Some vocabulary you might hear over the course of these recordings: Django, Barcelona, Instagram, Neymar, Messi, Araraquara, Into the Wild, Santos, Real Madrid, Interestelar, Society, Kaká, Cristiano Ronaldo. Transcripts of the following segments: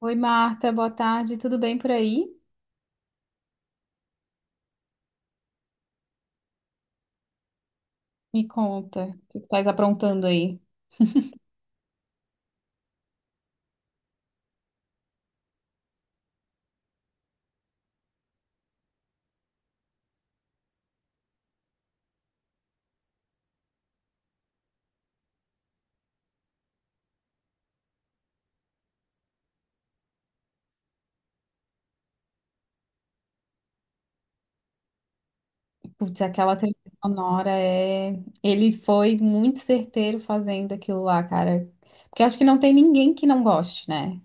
Oi, Marta, boa tarde, tudo bem por aí? Me conta, o que tu estás aprontando aí? Putz, aquela trilha sonora é. Ele foi muito certeiro fazendo aquilo lá, cara. Porque acho que não tem ninguém que não goste, né?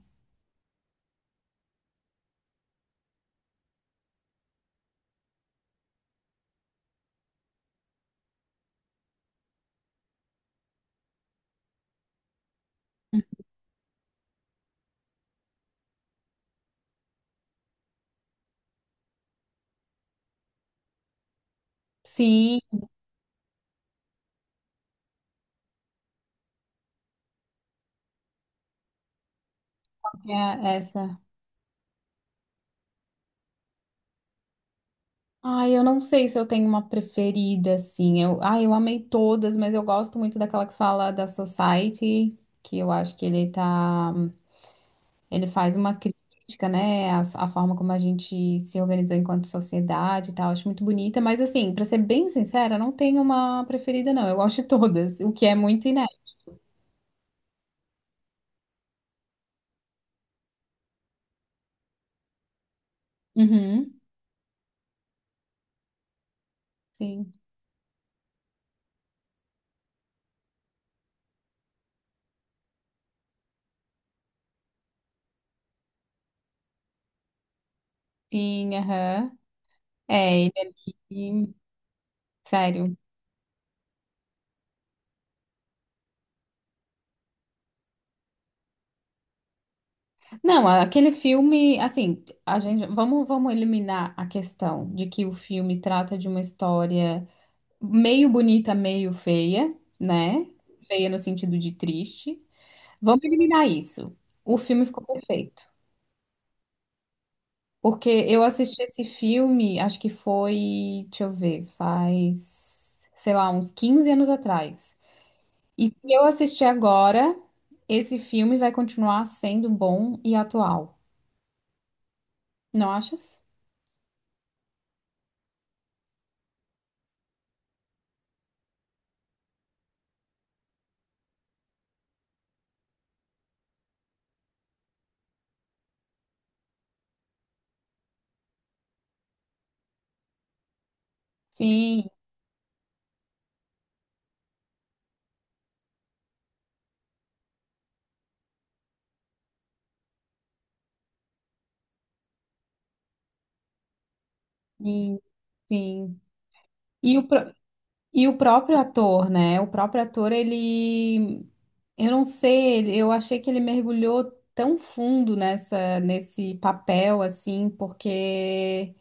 Sim, é essa. Ai, eu não sei se eu tenho uma preferida, assim. Eu, ai, eu amei todas, mas eu gosto muito daquela que fala da Society, que eu acho que ele tá. Ele faz uma crítica, né, à, à forma como a gente se organizou enquanto sociedade e tal. Acho muito bonita, mas assim, pra ser bem sincera, não tenho uma preferida, não. Eu gosto de todas, o que é muito inédito. Uhum, sim, sim, aham. É, ele ali. Sério. Não, aquele filme, assim, a gente, vamos eliminar a questão de que o filme trata de uma história meio bonita, meio feia, né? Feia no sentido de triste. Vamos eliminar isso. O filme ficou perfeito. Porque eu assisti esse filme, acho que foi, deixa eu ver, faz, sei lá, uns 15 anos atrás. E se eu assistir agora, esse filme vai continuar sendo bom e atual. Não achas? Sim, sim, sim. E o, e o próprio ator, né? O próprio ator, ele. Eu não sei, eu achei que ele mergulhou tão fundo nesse papel, assim, porque.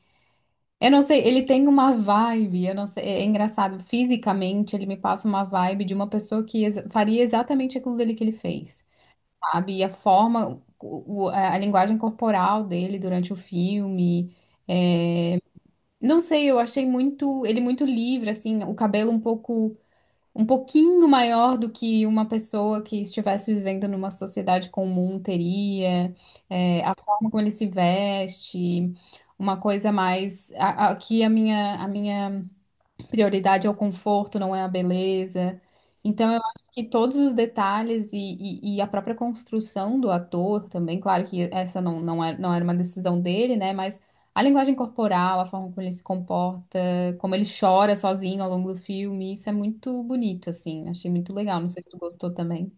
Eu não sei, ele tem uma vibe, eu não sei, é engraçado, fisicamente ele me passa uma vibe de uma pessoa que faria exatamente aquilo dele que ele fez, sabe? E a forma, a linguagem corporal dele durante o filme, é, não sei, eu achei muito, ele muito livre, assim, o cabelo um pouco um pouquinho maior do que uma pessoa que estivesse vivendo numa sociedade comum teria, é, a forma como ele se veste, uma coisa mais. Aqui a a minha prioridade é o conforto, não é a beleza. Então, eu acho que todos os detalhes e a própria construção do ator também, claro que essa não era uma decisão dele, né? Mas a linguagem corporal, a forma como ele se comporta, como ele chora sozinho ao longo do filme, isso é muito bonito, assim. Achei muito legal. Não sei se tu gostou também.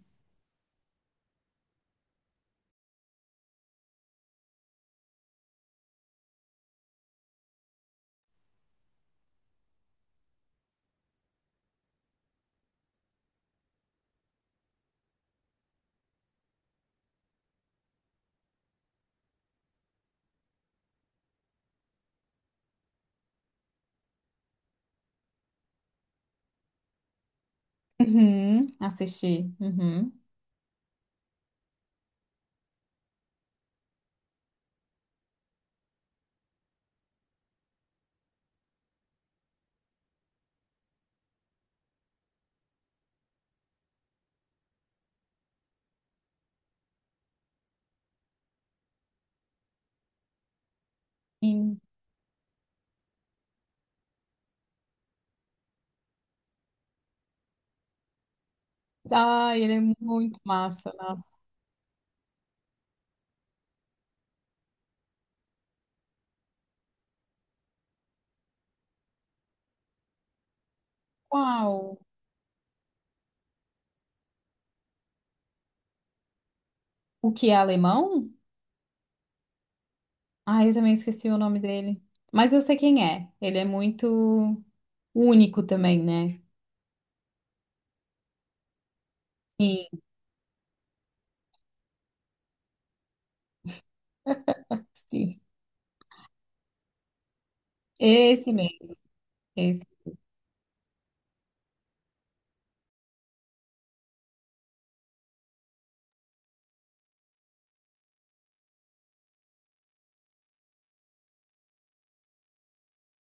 Uhum, assisti. Uhum. Sim. Ai, ele é muito massa, né? Qual? O que é alemão? Ah, eu também esqueci o nome dele. Mas eu sei quem é. Ele é muito único também, né? Sim, sim. Esse mesmo, esse.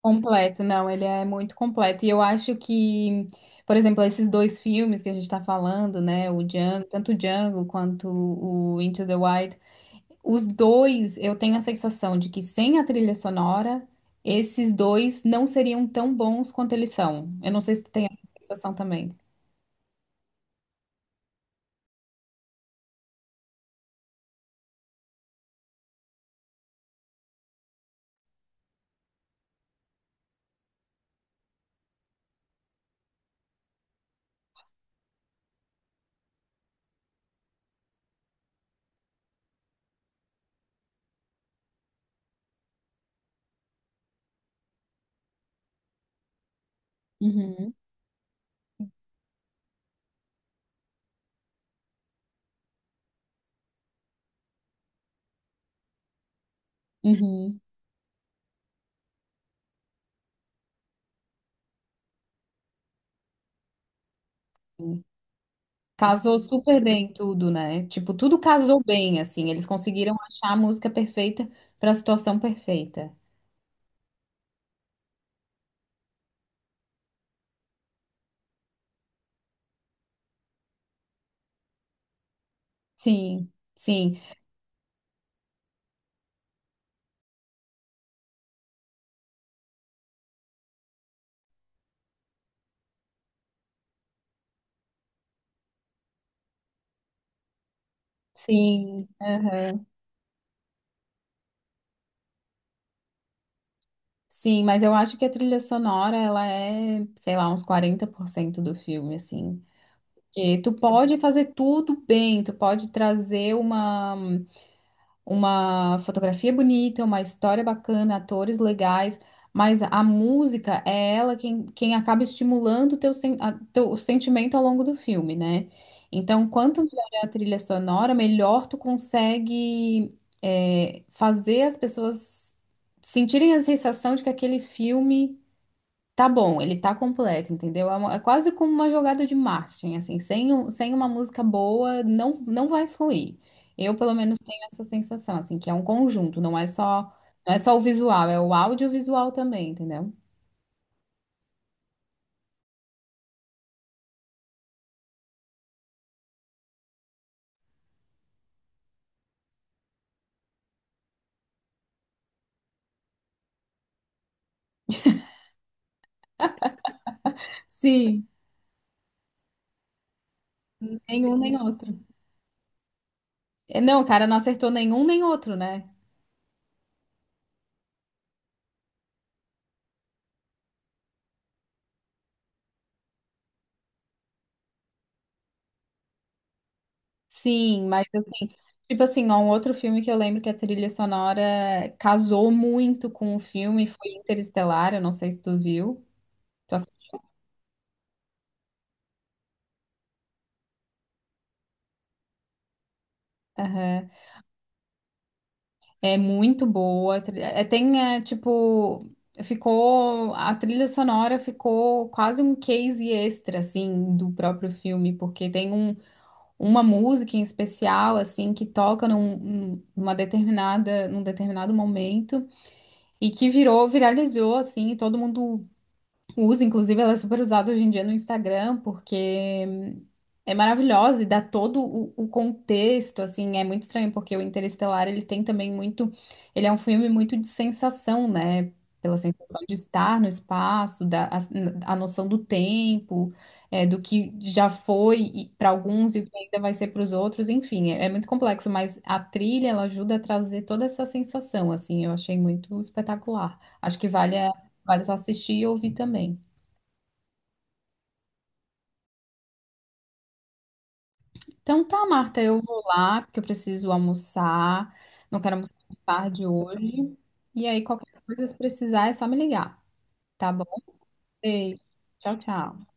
Completo, não, ele é muito completo. E eu acho que, por exemplo, esses dois filmes que a gente tá falando, né? O Django, tanto o Django quanto o Into the Wild, os dois, eu tenho a sensação de que sem a trilha sonora, esses dois não seriam tão bons quanto eles são. Eu não sei se tu tem essa sensação também. Uhum, uhum. Casou super bem tudo, né? Tipo, tudo casou bem, assim. Eles conseguiram achar a música perfeita para a situação perfeita. Sim, sim, sim, aham. Sim, mas eu acho que a trilha sonora, ela é, sei lá, uns 40% do filme, assim. Que tu pode fazer tudo bem, tu pode trazer uma. Uma fotografia bonita, uma história bacana, atores legais, mas a música é ela quem, quem acaba estimulando o teu, teu sentimento ao longo do filme, né? Então, quanto melhor é a trilha sonora, melhor tu consegue, é, fazer as pessoas sentirem a sensação de que aquele filme tá bom, ele tá completo, entendeu? É, é quase como uma jogada de marketing, assim, sem uma música boa não, não vai fluir. Eu, pelo menos, tenho essa sensação, assim, que é um conjunto, não é só, não é só o visual, é o audiovisual também, entendeu? Sim. Nenhum nem outro. É, não, o cara não acertou nenhum nem outro, né? Sim, mas assim, tipo assim, ó, um outro filme que eu lembro que a trilha sonora casou muito com o filme foi Interestelar, eu não sei se tu viu. Tu assistiu? Aham. É muito boa. É, é, tem, é, tipo, ficou. A trilha sonora ficou quase um case extra, assim, do próprio filme, porque tem um, uma música em especial, assim, que toca numa determinada, num determinado momento e que virou, viralizou, assim, e todo mundo usa, inclusive, ela é super usada hoje em dia no Instagram, porque é maravilhosa e dá todo o contexto, assim, é muito estranho, porque o Interestelar, ele tem também muito, ele é um filme muito de sensação, né? Pela sensação de estar no espaço, da, a noção do tempo, é, do que já foi para alguns e o que ainda vai ser para os outros, enfim, é, é muito complexo, mas a trilha, ela ajuda a trazer toda essa sensação, assim, eu achei muito espetacular. Acho que vale a. Vale só assistir e ouvir também. Então tá, Marta, eu vou lá, porque eu preciso almoçar. Não quero almoçar tarde hoje. E aí, qualquer coisa, se precisar, é só me ligar, tá bom? Beijo. Tchau, tchau.